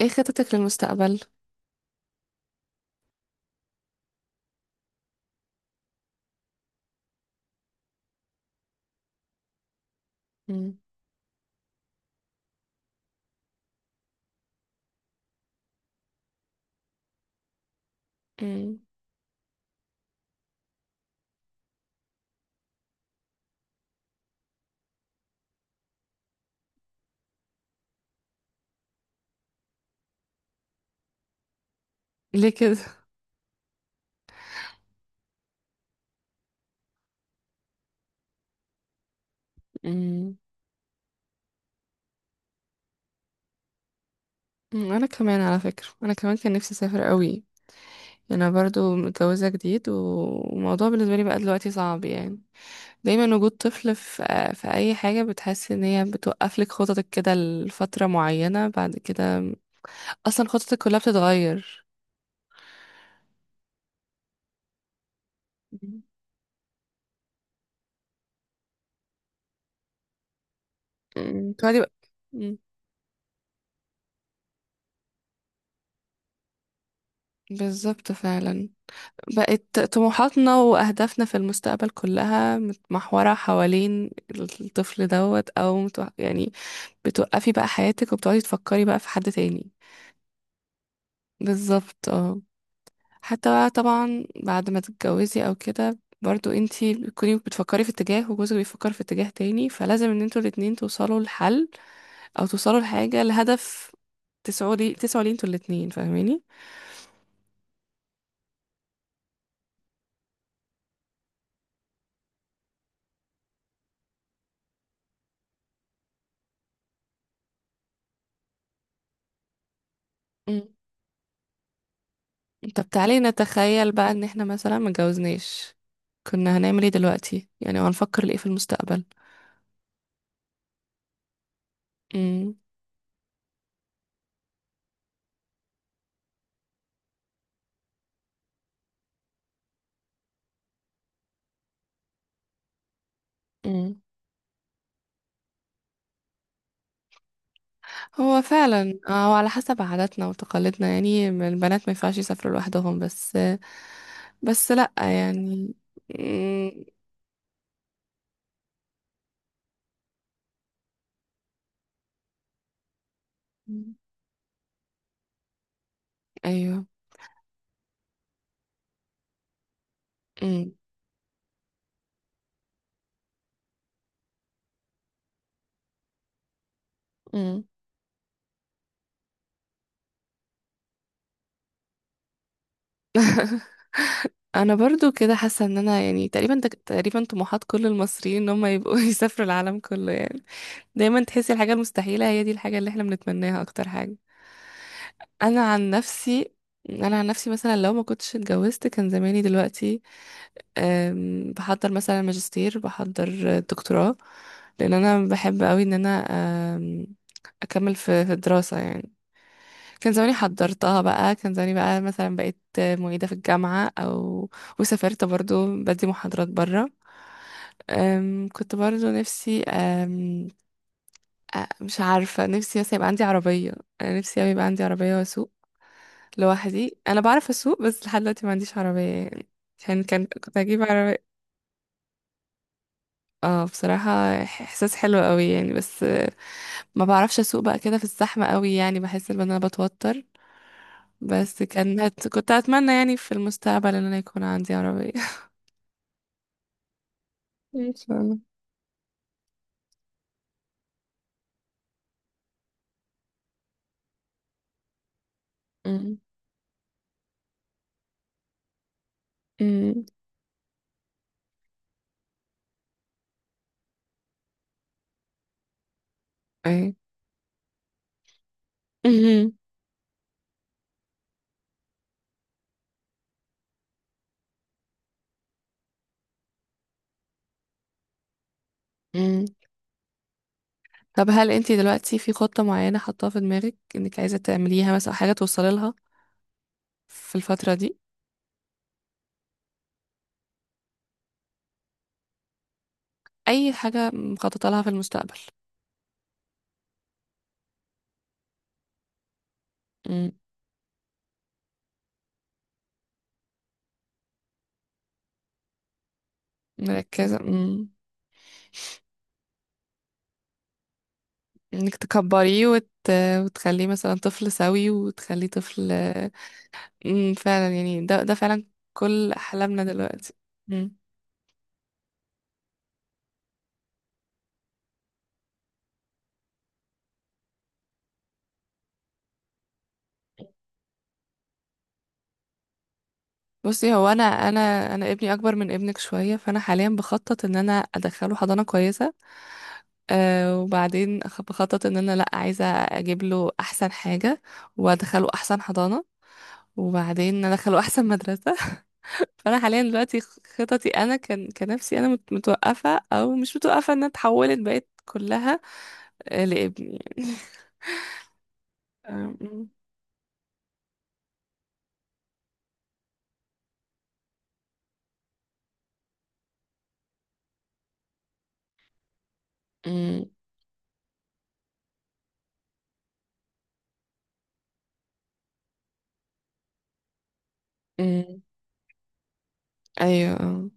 ايه خطتك للمستقبل؟ مم. مم. ليه كده؟ مم. انا كمان على فكرة انا كمان كان نفسي اسافر قوي يعني. انا برضو متجوزة جديد والموضوع بالنسبة لي بقى دلوقتي صعب يعني. دايما وجود طفل في اي حاجة، بتحس ان هي بتوقف لك خططك كده لفترة معينة بعد كده. اصلا خططك كلها بتتغير. مم. مم. تقعدي بقى. مم. بالظبط فعلا. بقت طموحاتنا وأهدافنا في المستقبل كلها متمحورة حوالين الطفل دوت يعني. بتوقفي بقى حياتك وبتقعدي تفكري بقى في حد تاني. بالظبط اه. حتى بقى طبعا بعد ما تتجوزي أو كده، برضو انتي بتكوني بتفكري في اتجاه وجوزك بيفكر في اتجاه تاني، فلازم ان انتوا الاتنين توصلوا لحل أو توصلوا لحاجة لهدف تسعوا ليه انتوا الاتنين، فاهماني؟ طب تعالي نتخيل بقى ان احنا مثلا متجوزناش، كنا هنعمل ايه دلوقتي؟ يعني هنفكر لايه في المستقبل؟ امم. امم. هو فعلا. هو على حسب عاداتنا وتقاليدنا، يعني البنات ما ينفعش يسافروا لوحدهم بس. بس لا يعني. مم. ايوه. مم. مم. انا برضو كده حاسه ان انا يعني تقريبا طموحات كل المصريين ان هم يبقوا يسافروا العالم كله يعني. دايما تحسي الحاجه المستحيله هي دي الحاجه اللي احنا بنتمناها اكتر حاجه. انا عن نفسي، انا عن نفسي مثلا لو ما كنتش اتجوزت، كان زماني دلوقتي بحضر مثلا ماجستير، بحضر دكتوراه، لان انا بحب قوي ان انا أم، اكمل في في الدراسه يعني. كان زماني حضرتها بقى، كان زماني بقى مثلا بقيت معيده في الجامعه او وسافرت برضو بدي محاضرات بره. كنت برضو نفسي. مش عارفة نفسي بس يبقى عندي عربية. أنا نفسي أوي يبقى عندي عربية وأسوق لوحدي. أنا بعرف أسوق بس لحد دلوقتي ما عنديش عربية يعني، عشان كان كنت هجيب عربية. اه بصراحة إحساس حلو أوي يعني، بس ما بعرفش أسوق بقى كده في الزحمة أوي، يعني بحس إن أنا بتوتر. بس كنت أتمنى يعني في المستقبل إن أنا يكون عندي عربية إن شاء الله. أمم. أمم. أي. أمم. طب هل انتي دلوقتي في خطة معينة حاطاها في دماغك انك عايزة تعمليها مثلا، أو حاجة توصلي لها في الفترة دي؟ اي حاجة مخططة لها في المستقبل؟ مم. مركزة مم. انك تكبريه وتخليه مثلا طفل سوي وتخليه طفل. مم. فعلا يعني ده فعلا كل احلامنا دلوقتي. بصي هو انا ابني اكبر من ابنك شويه، فانا حاليا بخطط ان انا ادخله حضانه كويسه. أه وبعدين بخطط ان انا لا عايزه اجيب له احسن حاجه وادخله احسن حضانه وبعدين ادخله احسن مدرسه فانا حاليا دلوقتي خططي انا كان كنفسي، انا متوقفه او مش متوقفه، انها اتحولت بقت كلها لابني يعني أم- أم. ايوه آه.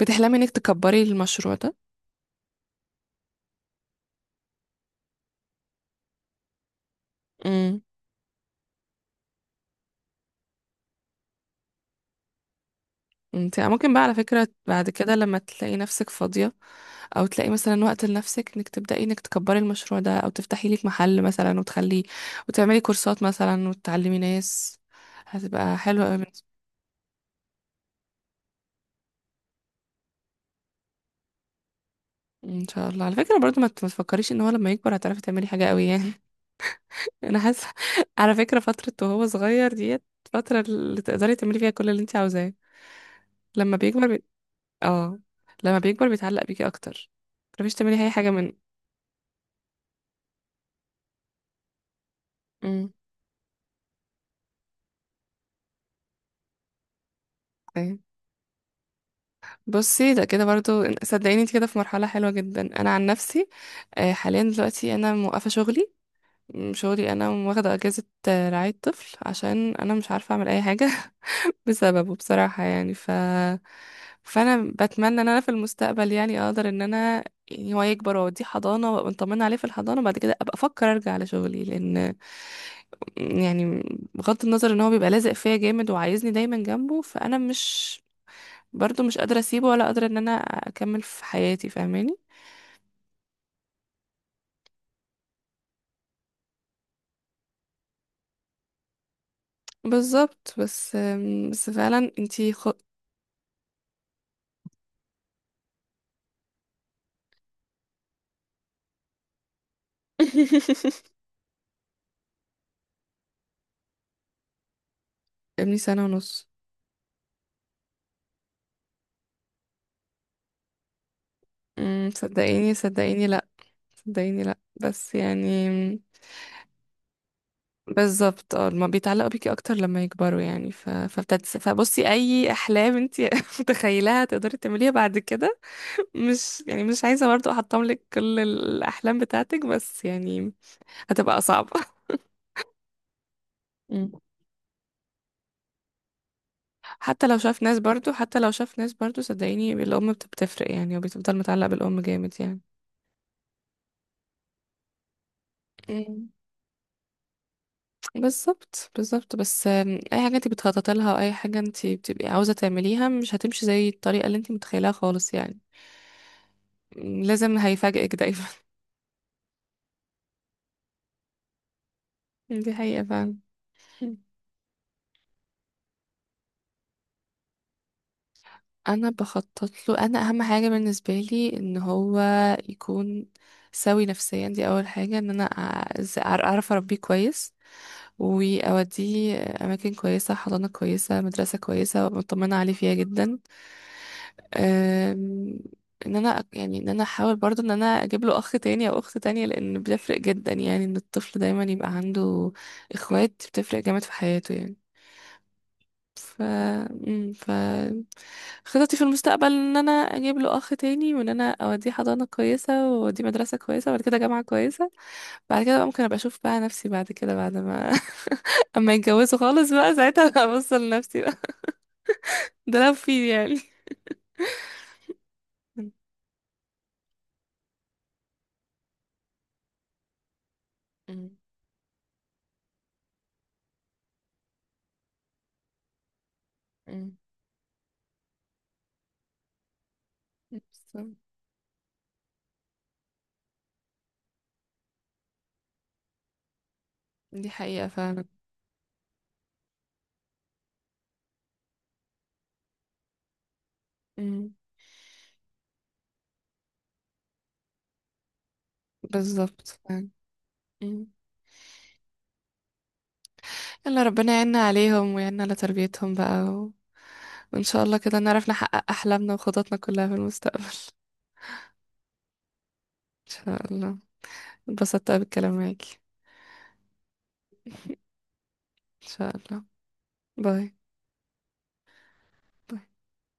بتحلمي انك تكبري المشروع ده؟ انت ممكن بقى على فكرة بعد كده لما تلاقي نفسك فاضية، او تلاقي مثلا وقت لنفسك، انك تبدأي انك تكبري المشروع ده او تفتحي لك محل مثلا وتخلي وتعملي كورسات مثلا وتعلمي ناس. هتبقى حلوة قوي. ان شاء الله، على فكرة برضو ما تفكريش ان هو لما يكبر هتعرفي تعملي حاجة قوي يعني انا حاسة على فكرة فترة وهو صغير، ديت فترة اللي تقدري تعملي فيها كل اللي انت عاوزاه، لما بيكبر. اه لما بيكبر بيتعلق بيكي اكتر، متعرفيش تعملي اي حاجة من. امم. بصي ده كده برضو، صدقيني انت كده في مرحلة حلوة جدا. انا عن نفسي حاليا دلوقتي انا موقفة شغلي، شغلي انا واخدة اجازة رعاية طفل عشان انا مش عارفة اعمل اي حاجة بسببه بصراحة يعني. فانا بتمنى ان انا في المستقبل يعني اقدر ان انا، يعني هو يكبر واوديه حضانة وابقى مطمنة عليه في الحضانة، وبعد كده ابقى افكر ارجع لشغلي، لان يعني بغض النظر ان هو بيبقى لازق فيا جامد وعايزني دايما جنبه، فانا مش برضو مش قادرة اسيبه ولا قادرة ان انا اكمل في حياتي، فاهماني؟ بالظبط بس بس فعلا انتي. ابني سنة ونص. صدقيني صدقيني لا، صدقيني لا بس يعني. بالظبط اه ما بيتعلقوا بيكي اكتر لما يكبروا يعني، فبصي اي احلام انتي متخيلها تقدري تعمليها بعد كده. مش يعني مش عايزة برضو احطم لك كل الاحلام بتاعتك، بس يعني هتبقى صعبة. حتى لو شاف ناس برضو، حتى لو شاف ناس برضو، صدقيني الأم بتفرق يعني، وبتفضل متعلق بالأم جامد يعني. مم. بالظبط بالظبط بس أي حاجة انت بتخططي لها أو أي حاجة انت بتبقي عاوزة تعمليها مش هتمشي زي الطريقة اللي انت متخيلها خالص يعني. لازم هيفاجئك دايما دي حقيقة فعلا. مم. أنا بخطط له، أنا أهم حاجة بالنسبة لي إن هو يكون سوي نفسيا. دي أول حاجة، إن أنا أعرف أربيه كويس، وأوديه أماكن كويسة، حضانة كويسة، مدرسة كويسة، وأبقى مطمنة عليه فيها جدا. أم، إن أنا يعني إن أنا أحاول برضو إن أنا أجيب له أخ تاني أو أخت تانية، لأن بيفرق جدا يعني إن الطفل دايما يبقى عنده إخوات، بتفرق جامد في حياته يعني. ف... أم، ف خططي في المستقبل ان انا اجيب له اخ تاني، وان انا اوديه حضانه كويسه واوديه مدرسه كويسه وبعد كده جامعه كويسه، بعد كده بقى ممكن ابقى اشوف بقى نفسي بعد كده، بعد ما اما يتجوزوا خالص بقى، ساعتها هبص لنفسي بقى، ده لو في يعني. مم. مم. بالظبط. دي حقيقة فعلا. مم. بالظبط فعلا. مم. يلا ربنا يعيننا عليهم ويعيننا على تربيتهم بقى وإن شاء الله كده نعرف نحقق أحلامنا وخططنا كلها في المستقبل إن شاء الله. اتبسطت أوي بالكلام معاكي إن شاء الله. باي. باي.